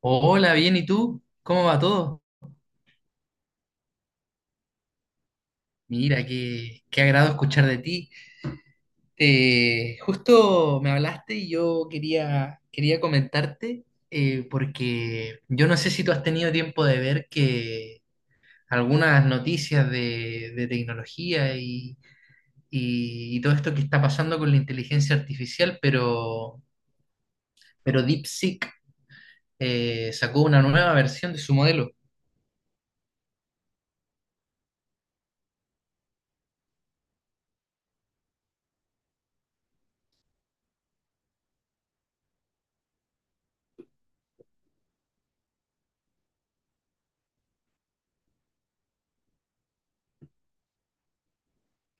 Hola, bien, ¿y tú? ¿Cómo va todo? Mira, qué agrado escuchar de ti. Justo me hablaste y yo quería comentarte, porque yo no sé si tú has tenido tiempo de ver que algunas noticias de tecnología y, y todo esto que está pasando con la inteligencia artificial, pero DeepSeek sacó una nueva versión de su modelo.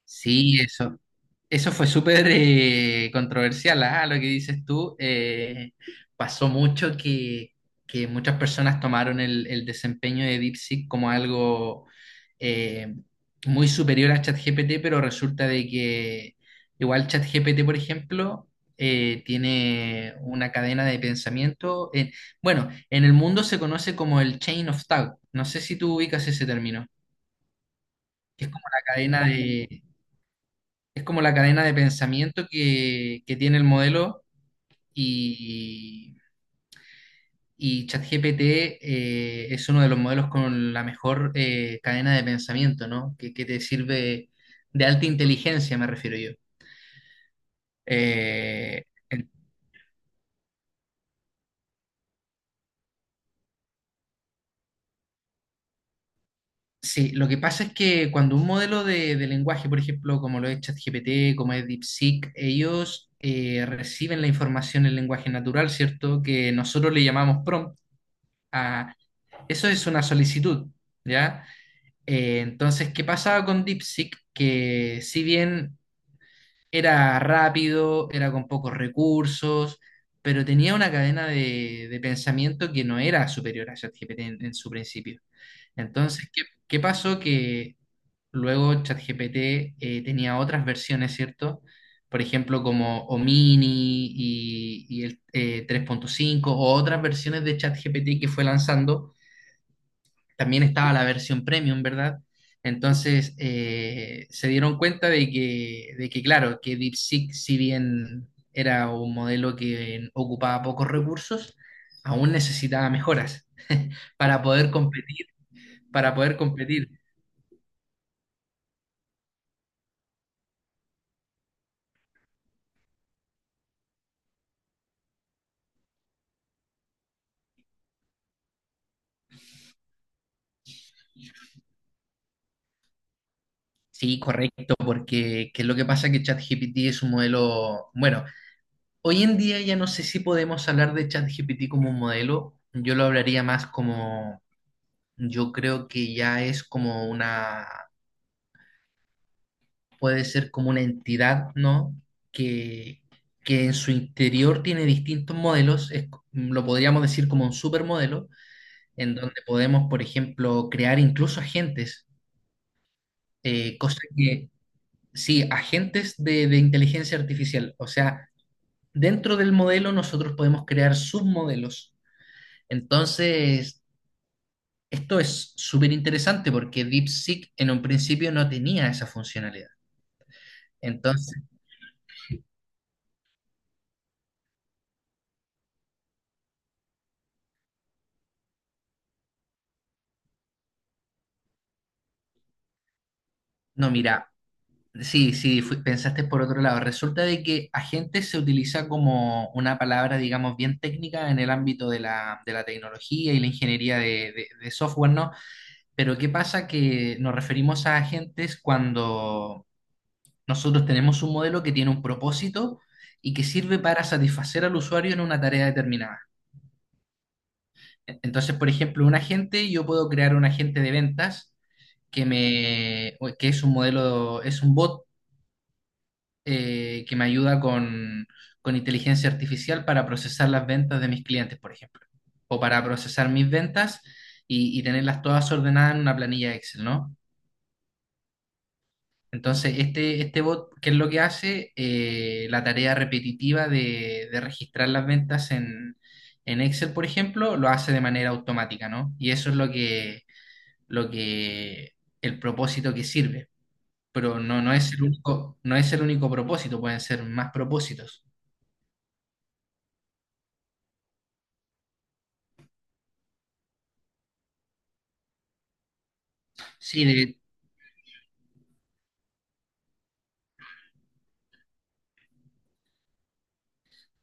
Sí, eso, eso fue súper controversial. Ah, lo que dices tú, pasó mucho que muchas personas tomaron el desempeño de DeepSeek como algo eh, muy superior a ChatGPT, pero resulta de que igual ChatGPT, por ejemplo, tiene una cadena de pensamiento. Bueno, en el mundo se conoce como el chain of thought. No sé si tú ubicas ese término, que es como la cadena de, es como la cadena de pensamiento que tiene el modelo, y, y ChatGPT, es uno de los modelos con la mejor cadena de pensamiento, ¿no? Que te sirve de alta inteligencia, me refiero yo. Eh, el- sí, lo que pasa es que cuando un modelo de lenguaje, por ejemplo, como lo es ChatGPT, como es DeepSeek, ellos reciben la información en lenguaje natural, ¿cierto? Que nosotros le llamamos prompt. a- Eso es una solicitud. ¿Ya? Entonces, ¿qué pasaba con DeepSeek? Que si bien era rápido, era con pocos recursos, pero tenía una cadena de pensamiento que no era superior a ChatGPT en su principio. Entonces, ¿qué, qué pasó? Que luego ChatGPT, tenía otras versiones, ¿cierto? Por ejemplo, como Omini y el 3.5 o otras versiones de ChatGPT que fue lanzando. También estaba la versión premium, ¿verdad? Entonces se dieron cuenta de que, claro, que DeepSeek, si bien era un modelo que ocupaba pocos recursos, aún necesitaba mejoras para poder competir, para poder competir. Sí, correcto, porque que lo que pasa es que ChatGPT es un modelo, bueno, hoy en día ya no sé si podemos hablar de ChatGPT como un modelo, yo lo hablaría más como, yo creo que ya es como una, puede ser como una entidad, ¿no? Que, que en su interior tiene distintos modelos, lo podríamos decir como un supermodelo, en donde podemos, por ejemplo, crear incluso agentes, eh, cosa que, sí, agentes de inteligencia artificial, o sea, dentro del modelo nosotros podemos crear submodelos. Entonces, esto es súper interesante porque DeepSeek en un principio no tenía esa funcionalidad. Entonces, no, mira, sí, sí, pensaste por otro lado. Resulta de que agente se utiliza como una palabra, digamos, bien técnica en el ámbito de la tecnología y la ingeniería de software, ¿no? Pero ¿qué pasa? Que nos referimos a agentes cuando nosotros tenemos un modelo que tiene un propósito y que sirve para satisfacer al usuario en una tarea determinada. Entonces, por ejemplo, un agente, yo puedo crear un agente de ventas que me, que es un modelo, es un bot, que me ayuda con inteligencia artificial para procesar las ventas de mis clientes, por ejemplo, o para procesar mis ventas y tenerlas todas ordenadas en una planilla Excel, ¿no? Entonces, este bot, ¿qué es lo que hace? La tarea repetitiva de registrar las ventas en Excel, por ejemplo, lo hace de manera automática, ¿no? Y eso es lo que, el propósito que sirve. Pero no, no es el único, no es el único propósito, pueden ser más propósitos. Sí, de-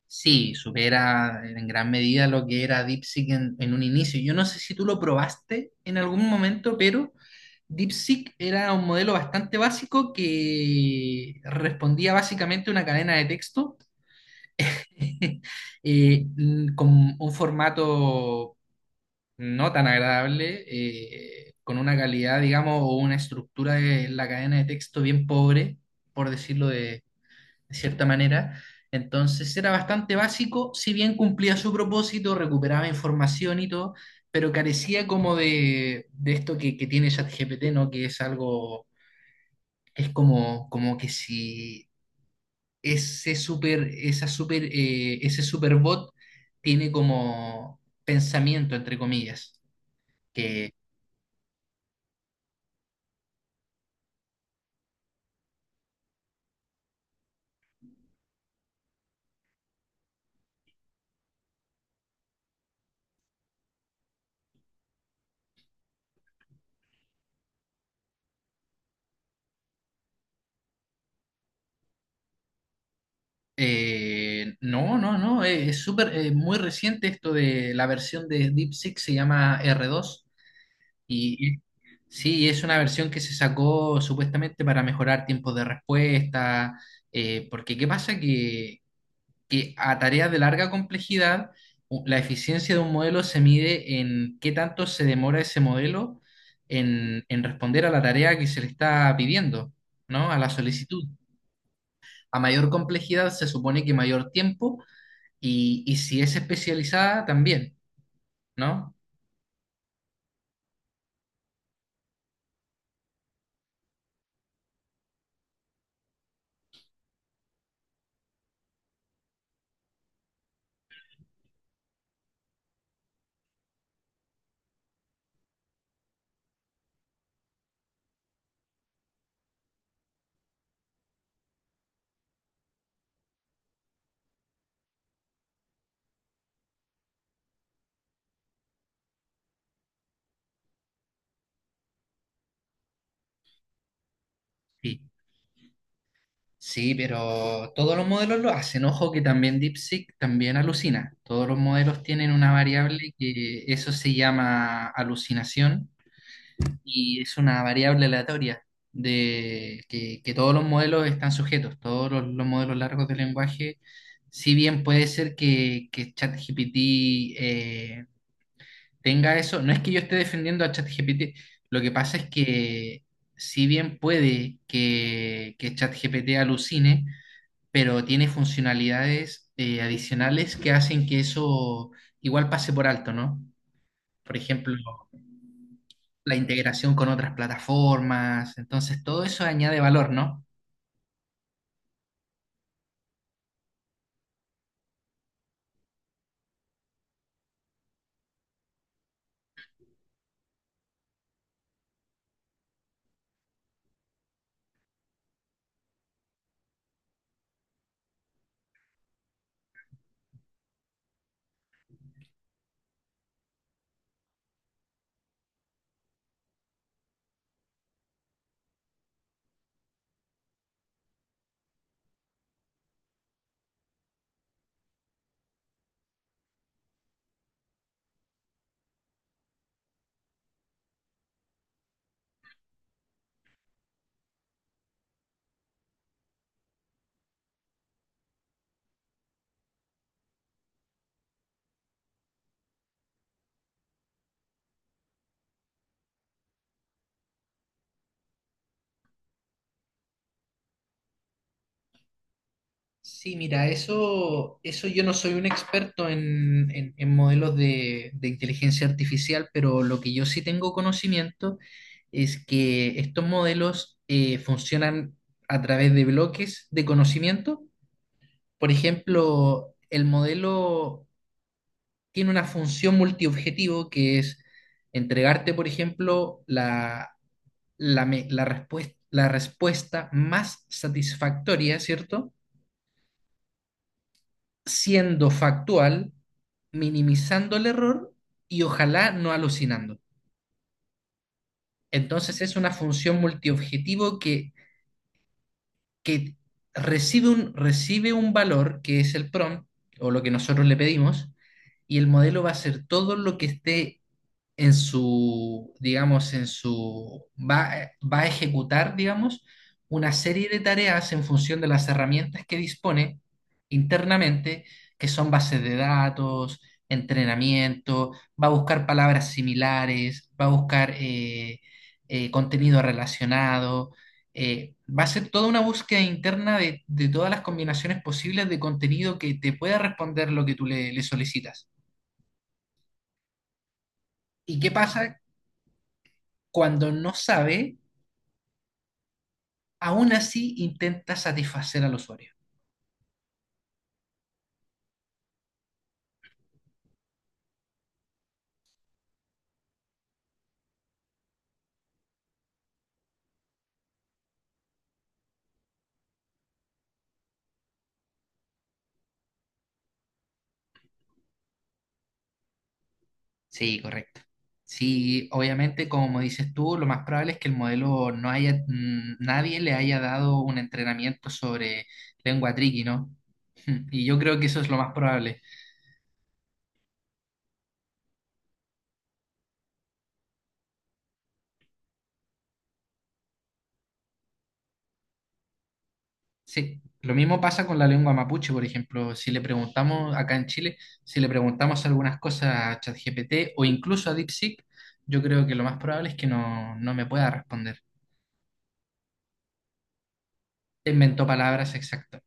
sí, supera en gran medida lo que era DeepSeek en un inicio. Yo no sé si tú lo probaste en algún momento, pero DeepSeek era un modelo bastante básico que respondía básicamente a una cadena de texto, con un formato no tan agradable, con una calidad, digamos, o una estructura de la cadena de texto bien pobre, por decirlo de cierta manera. Entonces era bastante básico, si bien cumplía su propósito, recuperaba información y todo, pero carecía como de esto que tiene ChatGPT, ¿no? Que es algo, es como, como que si ese super, esa super, ese superbot tiene como pensamiento, entre comillas, que no, no, no, muy reciente esto de la versión de DeepSeek, se llama R2. Y sí, es una versión que se sacó supuestamente para mejorar tiempos de respuesta, porque ¿qué pasa? Que a tareas de larga complejidad, la eficiencia de un modelo se mide en qué tanto se demora ese modelo en responder a la tarea que se le está pidiendo, ¿no? A la solicitud. A mayor complejidad se supone que mayor tiempo, y si es especializada también, ¿no? Sí, sí, pero todos los modelos lo hacen. Ojo que también DeepSeek también alucina. Todos los modelos tienen una variable que eso se llama alucinación, y es una variable aleatoria de que todos los modelos están sujetos. Todos los modelos largos de lenguaje, si bien puede ser que ChatGPT eh, tenga eso, no es que yo esté defendiendo a ChatGPT, lo que pasa es que si bien puede que ChatGPT alucine, pero tiene funcionalidades adicionales que hacen que eso igual pase por alto, ¿no? Por ejemplo, la integración con otras plataformas, entonces todo eso añade valor, ¿no? Sí, mira, eso yo no soy un experto en, en modelos de inteligencia artificial, pero lo que yo sí tengo conocimiento es que estos modelos funcionan a través de bloques de conocimiento. Por ejemplo, el modelo tiene una función multiobjetivo que es entregarte, por ejemplo, la, la respuesta más satisfactoria, ¿cierto? Siendo factual, minimizando el error y ojalá no alucinando. Entonces es una función multiobjetivo que recibe un valor que es el prompt o lo que nosotros le pedimos, y el modelo va a hacer todo lo que esté en su, digamos, en su, va a ejecutar, digamos, una serie de tareas en función de las herramientas que dispone internamente, que son bases de datos, entrenamiento, va a buscar palabras similares, va a buscar contenido relacionado. Va a ser toda una búsqueda interna de todas las combinaciones posibles de contenido que te pueda responder lo que tú le solicitas. ¿Y qué pasa cuando no sabe? Aún así intenta satisfacer al usuario. Sí, correcto. Sí, obviamente, como dices tú, lo más probable es que el modelo no haya, mm, nadie le haya dado un entrenamiento sobre lengua triqui, ¿no? Y yo creo que eso es lo más probable. Sí, lo mismo pasa con la lengua mapuche, por ejemplo. Si le preguntamos acá en Chile, si le preguntamos algunas cosas a ChatGPT o incluso a DeepSeek, yo creo que lo más probable es que no, no me pueda responder. Inventó palabras exactas.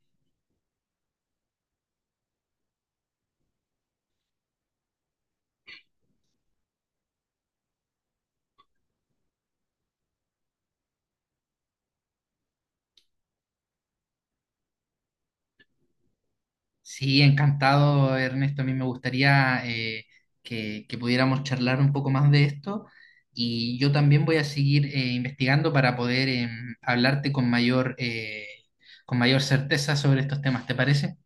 Sí, encantado, Ernesto. A mí me gustaría que pudiéramos charlar un poco más de esto, y yo también voy a seguir investigando para poder hablarte con mayor certeza sobre estos temas. ¿Te parece?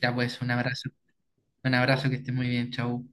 Ya pues, un abrazo. Un abrazo, que estés muy bien. Chau.